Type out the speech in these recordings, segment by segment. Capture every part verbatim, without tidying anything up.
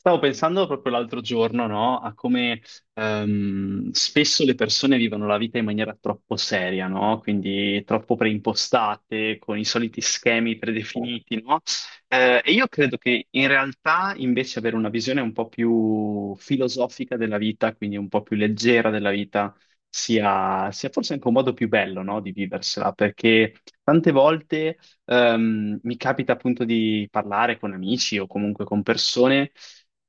Stavo pensando proprio l'altro giorno, no, a come ehm, spesso le persone vivono la vita in maniera troppo seria, no? Quindi troppo preimpostate, con i soliti schemi predefiniti, no? Eh, e io credo che in realtà invece avere una visione un po' più filosofica della vita, quindi un po' più leggera della vita, sia, sia forse anche un modo più bello, no, di viversela, perché tante volte ehm, mi capita appunto di parlare con amici o comunque con persone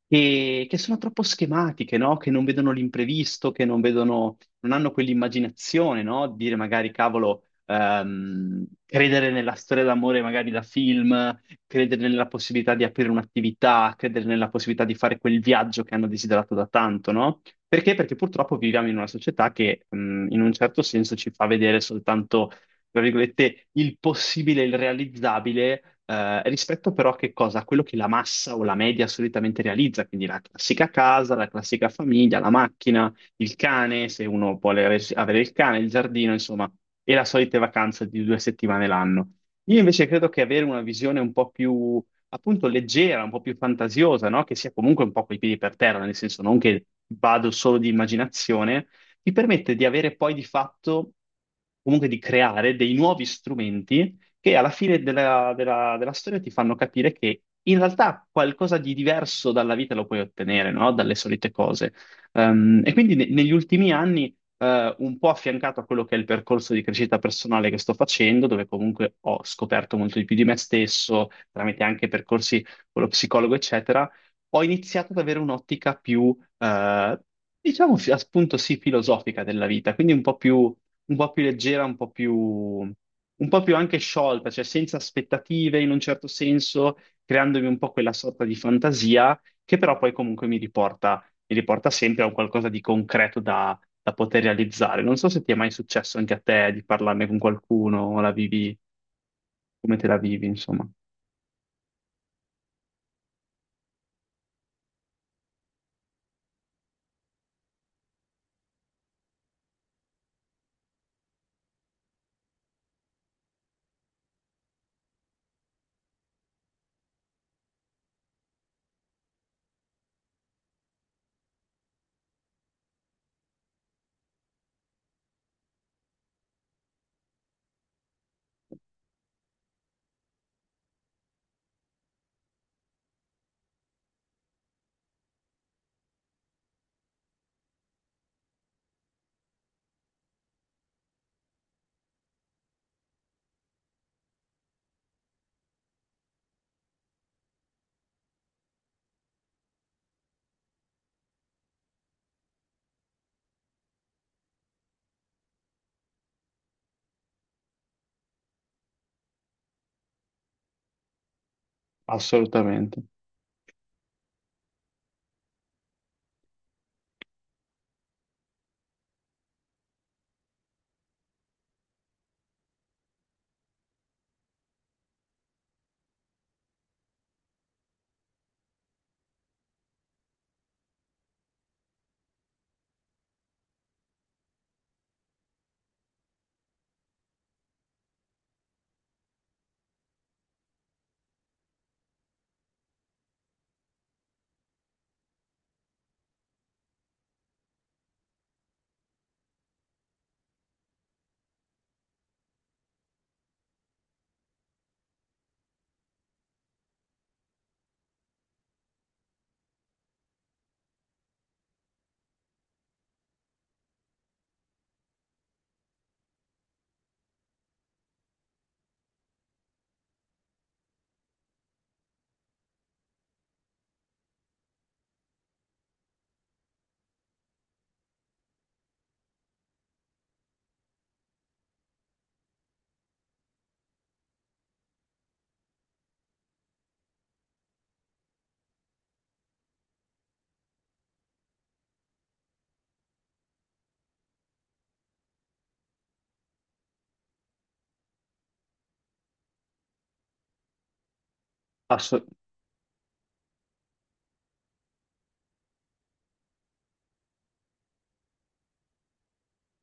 che, che sono troppo schematiche, no? Che non vedono l'imprevisto, che non vedono, non hanno quell'immaginazione, no? Dire magari, cavolo, ehm, credere nella storia d'amore magari da film, credere nella possibilità di aprire un'attività, credere nella possibilità di fare quel viaggio che hanno desiderato da tanto, no? Perché? Perché purtroppo viviamo in una società che, mh, in un certo senso ci fa vedere soltanto tra virgolette, il possibile, il realizzabile, eh, rispetto però a che cosa? A quello che la massa o la media solitamente realizza, quindi la classica casa, la classica famiglia, la macchina, il cane, se uno vuole res- avere il cane, il giardino, insomma, e la solita vacanza di due settimane l'anno. Io invece credo che avere una visione un po' più, appunto, leggera, un po' più fantasiosa, no? Che sia comunque un po' coi piedi per terra, nel senso non che vado solo di immaginazione, ti permette di avere poi di fatto, comunque di creare dei nuovi strumenti che alla fine della, della- della storia ti fanno capire che in realtà qualcosa di diverso dalla vita lo puoi ottenere, no? Dalle solite cose. Ehm, e quindi ne- negli ultimi anni eh, un po' affiancato a quello che è il percorso di crescita personale che sto facendo, dove comunque ho scoperto molto di più di me stesso, tramite anche percorsi con lo psicologo, eccetera, ho iniziato ad avere un'ottica più eh, diciamo fi- appunto sì, filosofica della vita, quindi un po' più, un po' più leggera, un po' più, un po' più anche sciolta, cioè senza aspettative in un certo senso, creandomi un po' quella sorta di fantasia che però poi comunque mi riporta, mi riporta sempre a un qualcosa di concreto da, da poter realizzare. Non so se ti è mai successo anche a te di parlarne con qualcuno o la vivi come te la vivi, insomma. Assolutamente.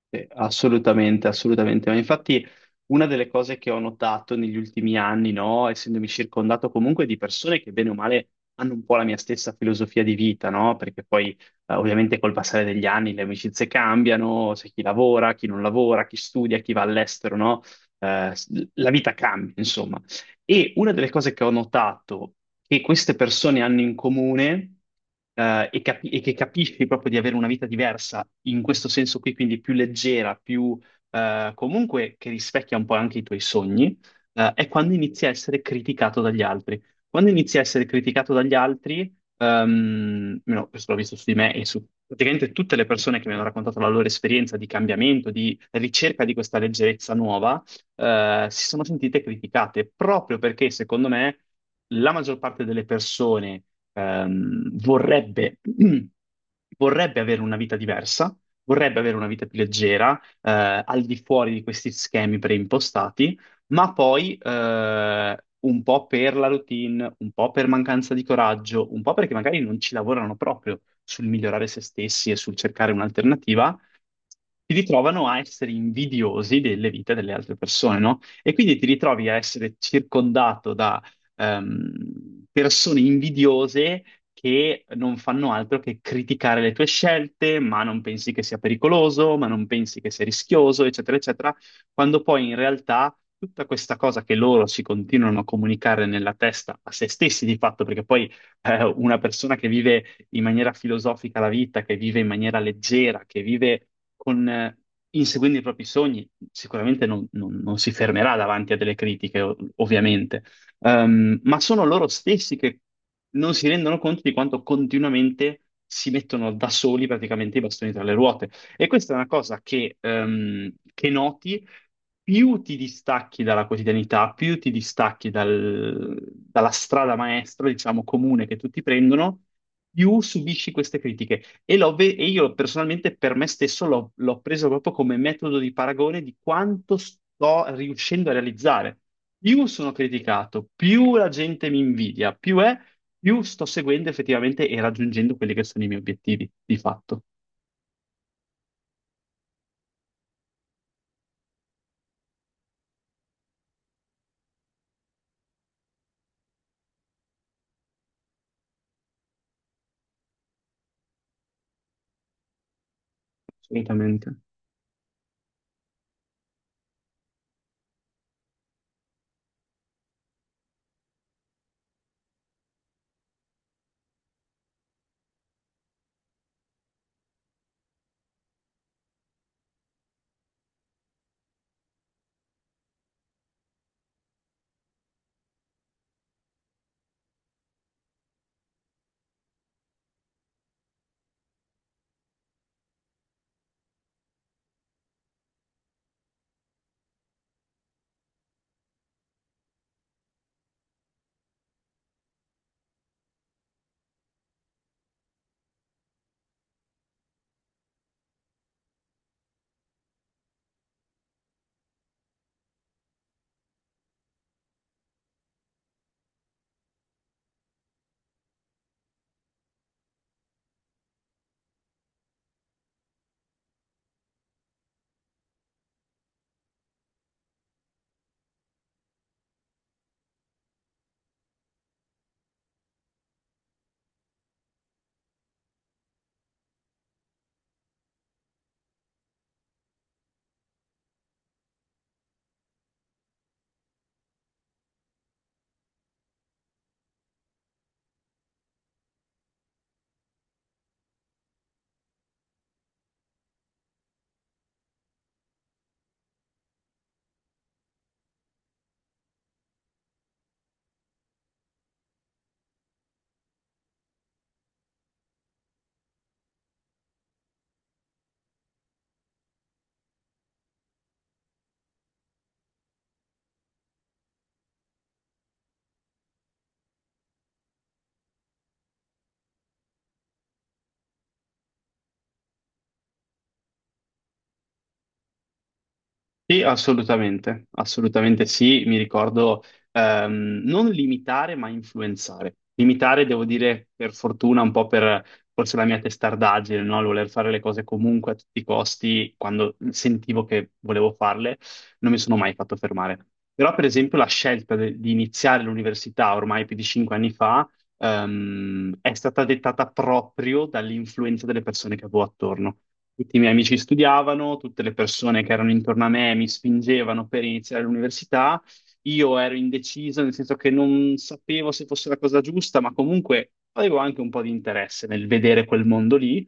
Eh, Assolutamente, assolutamente. Ma infatti una delle cose che ho notato negli ultimi anni, no, essendomi circondato comunque di persone che bene o male hanno un po' la mia stessa filosofia di vita, no? Perché poi eh, ovviamente col passare degli anni le amicizie cambiano, c'è chi lavora, chi non lavora, chi studia, chi va all'estero, no? Eh, s- la vita cambia, insomma. E una delle cose che ho notato che queste persone hanno in comune, eh, e, capi- e che capisci proprio di avere una vita diversa in questo senso qui, quindi più leggera, più eh, comunque che rispecchia un po' anche i tuoi sogni, eh, è quando inizi a essere criticato dagli altri. Quando inizi a essere criticato dagli altri, ehm, almeno questo l'ho visto su di me e su praticamente tutte le persone che mi hanno raccontato la loro esperienza di cambiamento, di ricerca di questa leggerezza nuova eh, si sono sentite criticate proprio perché, secondo me, la maggior parte delle persone ehm, vorrebbe, vorrebbe avere una vita diversa, vorrebbe avere una vita più leggera, eh, al di fuori di questi schemi preimpostati, ma poi eh, un po' per la routine, un po' per mancanza di coraggio, un po' perché magari non ci lavorano proprio sul migliorare se stessi e sul cercare un'alternativa ti ritrovano a essere invidiosi delle vite delle altre persone, no? E quindi ti ritrovi a essere circondato da ehm, persone invidiose che non fanno altro che criticare le tue scelte, ma non pensi che sia pericoloso, ma non pensi che sia rischioso, eccetera, eccetera, quando poi in realtà tutta questa cosa che loro si continuano a comunicare nella testa a se stessi di fatto, perché poi eh, una persona che vive in maniera filosofica la vita, che vive in maniera leggera, che vive con, eh, inseguendo i propri sogni, sicuramente non, non- non si fermerà davanti a delle critiche, ov- ovviamente. Ehm, ma sono loro stessi che non si rendono conto di quanto continuamente si mettono da soli praticamente i bastoni tra le ruote. E questa è una cosa che, ehm, che noti più ti distacchi dalla quotidianità, più ti distacchi dal- dalla strada maestra, diciamo, comune che tutti prendono, più subisci queste critiche. E, l'ho ve- e io personalmente per me stesso l'ho l'ho preso proprio come metodo di paragone di quanto sto riuscendo a realizzare. Più sono criticato, più la gente mi invidia, più è, più sto seguendo effettivamente e raggiungendo quelli che sono i miei obiettivi, di fatto, assolutamente. Sì, assolutamente, assolutamente sì, mi ricordo ehm, non limitare ma influenzare. Limitare, devo dire, per fortuna, un po' per forse la mia testardaggine, no? Il voler fare le cose comunque a tutti i costi, quando sentivo che volevo farle, non mi sono mai fatto fermare. Però, per esempio, la scelta de- di iniziare l'università ormai più di cinque anni fa ehm, è stata dettata proprio dall'influenza delle persone che avevo attorno. Tutti i miei amici studiavano, tutte le persone che erano intorno a me mi spingevano per iniziare l'università. Io ero indeciso, nel senso che non sapevo se fosse la cosa giusta, ma comunque avevo anche un po' di interesse nel vedere quel mondo lì.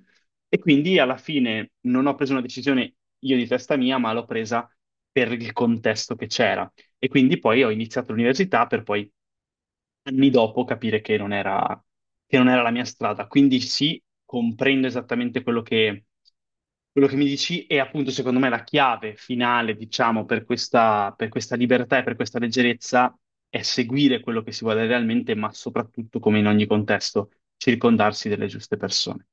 E quindi alla fine non ho preso una decisione io di testa mia, ma l'ho presa per il contesto che c'era. E quindi poi ho iniziato l'università per poi anni dopo capire che non era, che non era la mia strada. Quindi sì, comprendo esattamente quello che, quello che mi dici e appunto secondo me la chiave finale, diciamo, per questa, per questa libertà e per questa leggerezza è seguire quello che si vuole realmente, ma soprattutto, come in ogni contesto, circondarsi delle giuste persone.